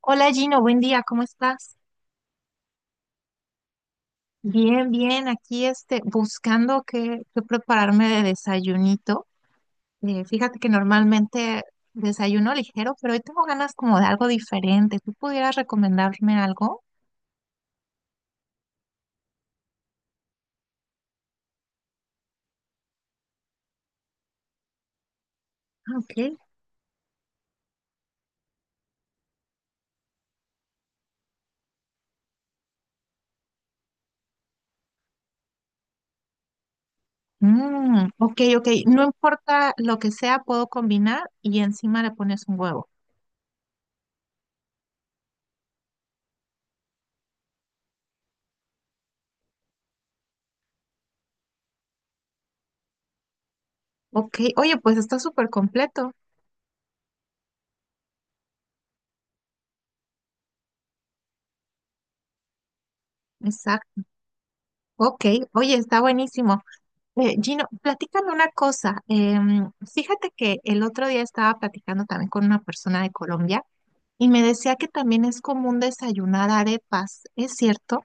Hola Gino, buen día, ¿cómo estás? Bien, bien, aquí este, buscando qué prepararme de desayunito. Fíjate que normalmente desayuno ligero, pero hoy tengo ganas como de algo diferente. ¿Tú pudieras recomendarme algo? Ah, ok. Mm, ok, ok, no importa lo que sea, puedo combinar y encima le pones un huevo. Ok, oye, pues está súper completo. Exacto. Ok, oye, está buenísimo. Gino, platícame una cosa. Fíjate que el otro día estaba platicando también con una persona de Colombia y me decía que también es común desayunar arepas. ¿Es cierto?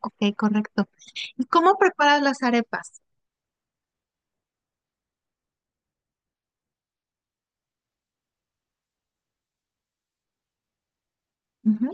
Ok, correcto. ¿Y cómo preparas las arepas? Ujú.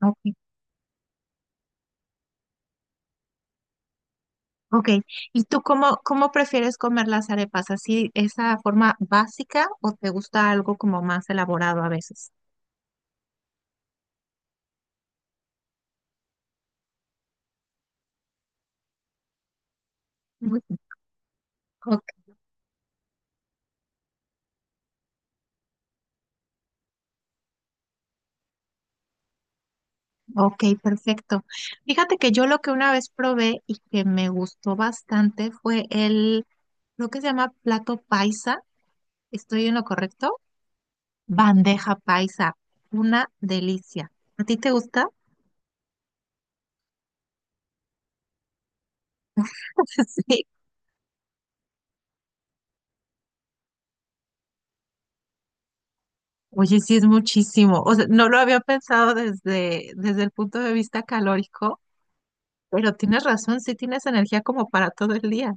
Ok, ok. ¿Y tú cómo prefieres comer las arepas? ¿Así, esa forma básica o te gusta algo como más elaborado a veces? Ujú. Ok. Ok, perfecto. Fíjate que yo lo que una vez probé y que me gustó bastante fue el, lo que se llama plato paisa. ¿Estoy en lo correcto? Bandeja paisa. Una delicia. ¿A ti te gusta? Sí. Oye, sí es muchísimo. O sea, no lo había pensado desde el punto de vista calórico, pero tienes razón, sí tienes energía como para todo el día.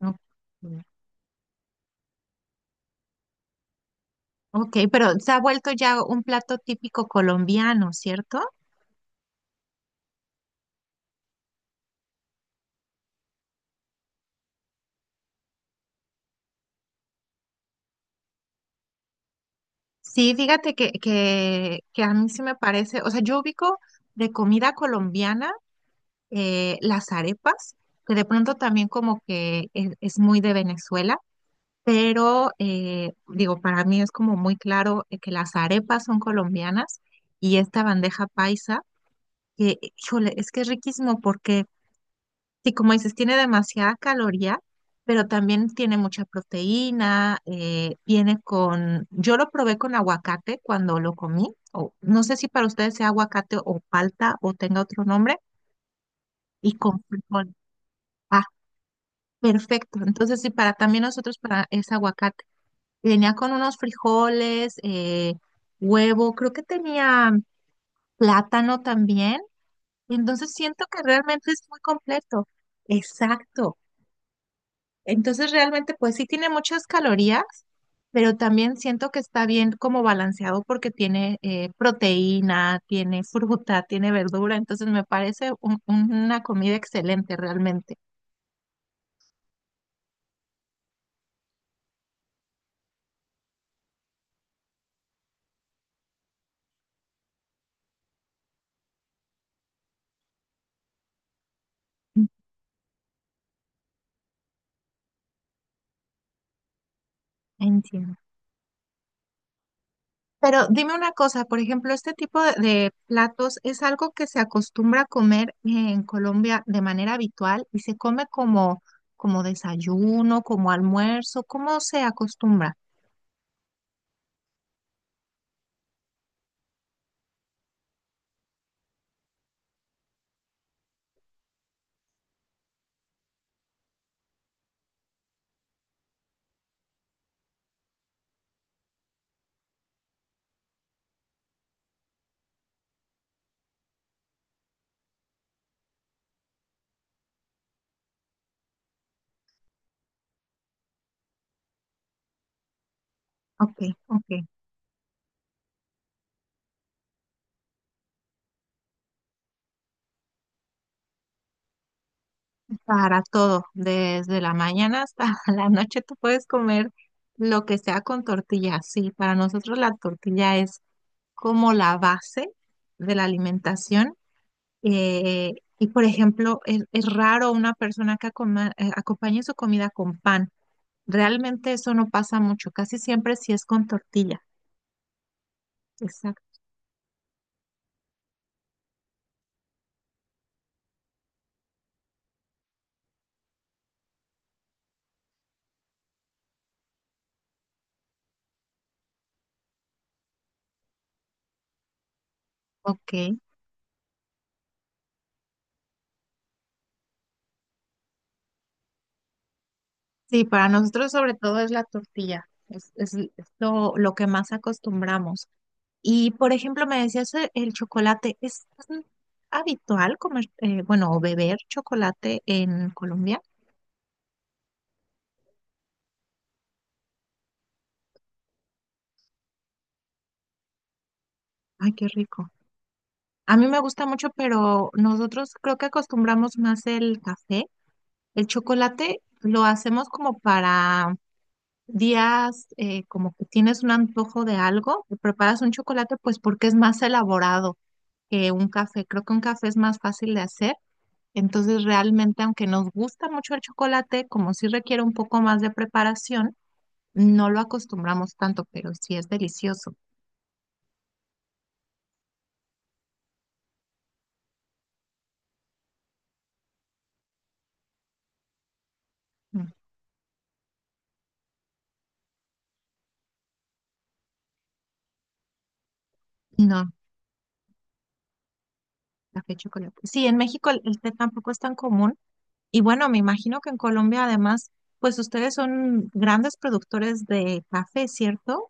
Ok. Ok, pero se ha vuelto ya un plato típico colombiano, ¿cierto? Sí, fíjate que a mí sí me parece, o sea, yo ubico de comida colombiana las arepas, que de pronto también como que es muy de Venezuela, pero digo, para mí es como muy claro que las arepas son colombianas y esta bandeja paisa, que, híjole, es que es riquísimo porque sí, como dices, tiene demasiada caloría, pero también tiene mucha proteína, viene con, yo lo probé con aguacate cuando lo comí, o no sé si para ustedes sea aguacate o palta o tenga otro nombre, y con frijol. Ah, perfecto. Entonces sí, para también nosotros para es aguacate. Y venía con unos frijoles, huevo, creo que tenía plátano también. Entonces siento que realmente es muy completo. Exacto. Entonces realmente pues sí tiene muchas calorías, pero también siento que está bien como balanceado porque tiene proteína, tiene fruta, tiene verdura, entonces me parece una comida excelente realmente. Entiendo. Pero dime una cosa, por ejemplo, este tipo de platos es algo que se acostumbra a comer en Colombia de manera habitual y se come como, como desayuno, como almuerzo, ¿cómo se acostumbra? Ok, ok. Para todo, desde la mañana hasta la noche tú puedes comer lo que sea con tortilla. Sí, para nosotros la tortilla es como la base de la alimentación. eh, y por ejemplo, es raro una persona que acompañe su comida con pan. Realmente eso no pasa mucho, casi siempre sí es con tortilla. Exacto. Ok. Sí, para nosotros sobre todo es la tortilla. Es lo que más acostumbramos. Y, por ejemplo, me decías el chocolate, ¿es habitual comer, bueno, o beber chocolate en Colombia? Ay, qué rico. A mí me gusta mucho, pero nosotros creo que acostumbramos más el café. El chocolate lo hacemos como para días, como que tienes un antojo de algo, te preparas un chocolate, pues porque es más elaborado que un café. Creo que un café es más fácil de hacer. Entonces, realmente, aunque nos gusta mucho el chocolate, como sí requiere un poco más de preparación, no lo acostumbramos tanto, pero sí es delicioso. Mm. No, café chocolate. Sí, en México el té tampoco es tan común. Y bueno, me imagino que en Colombia, además, pues ustedes son grandes productores de café, ¿cierto?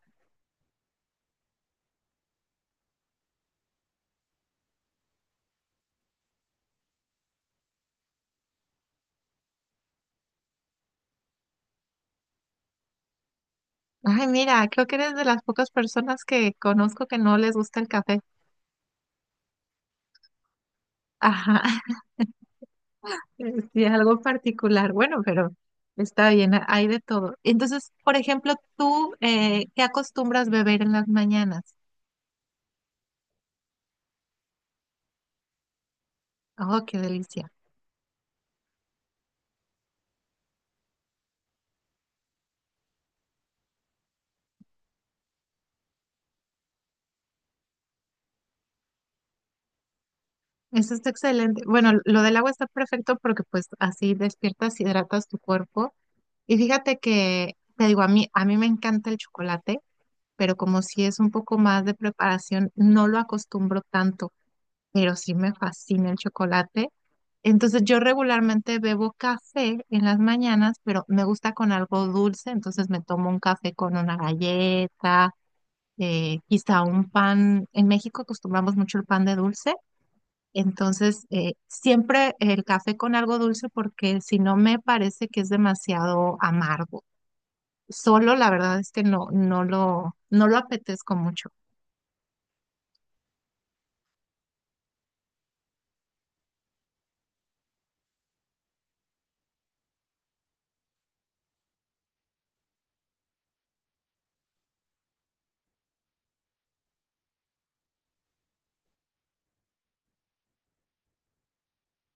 Ay, mira, creo que eres de las pocas personas que conozco que no les gusta el café. Ajá. Sí, es algo particular, bueno, pero está bien, hay de todo. Entonces, por ejemplo, tú, ¿qué acostumbras beber en las mañanas? Oh, qué delicia. Eso está excelente. Bueno, lo del agua está perfecto porque pues así despiertas, hidratas tu cuerpo. Y fíjate que, te digo, a mí me encanta el chocolate, pero como si es un poco más de preparación, no lo acostumbro tanto. Pero sí me fascina el chocolate. Entonces yo regularmente bebo café en las mañanas, pero me gusta con algo dulce, entonces me tomo un café con una galleta, quizá un pan. En México acostumbramos mucho el pan de dulce, entonces siempre el café con algo dulce porque si no me parece que es demasiado amargo. Solo la verdad es que no, no lo apetezco mucho.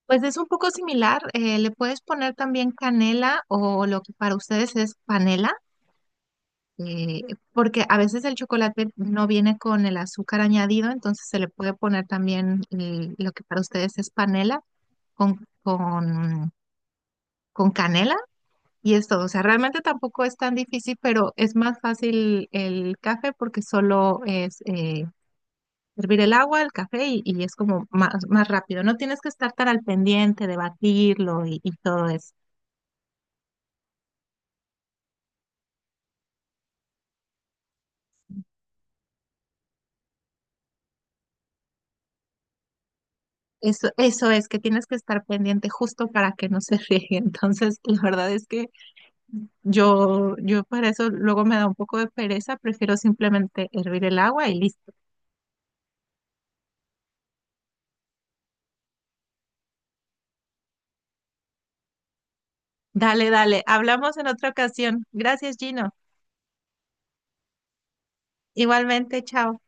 Pues es un poco similar, le puedes poner también canela o lo que para ustedes es panela, eh, porque a veces el chocolate no viene con el azúcar añadido, entonces se le puede poner también lo que para ustedes es panela con, con, con canela y es todo. O sea, realmente tampoco es tan difícil, pero es más fácil el café porque solo es hervir el agua, el café y es como más rápido. No tienes que estar tan al pendiente de batirlo y todo eso. Eso es que tienes que estar pendiente justo para que no se riegue. Entonces, la verdad es que yo para eso luego me da un poco de pereza, prefiero simplemente hervir el agua y listo. Dale, dale, hablamos en otra ocasión. Gracias, Gino. Igualmente, chao.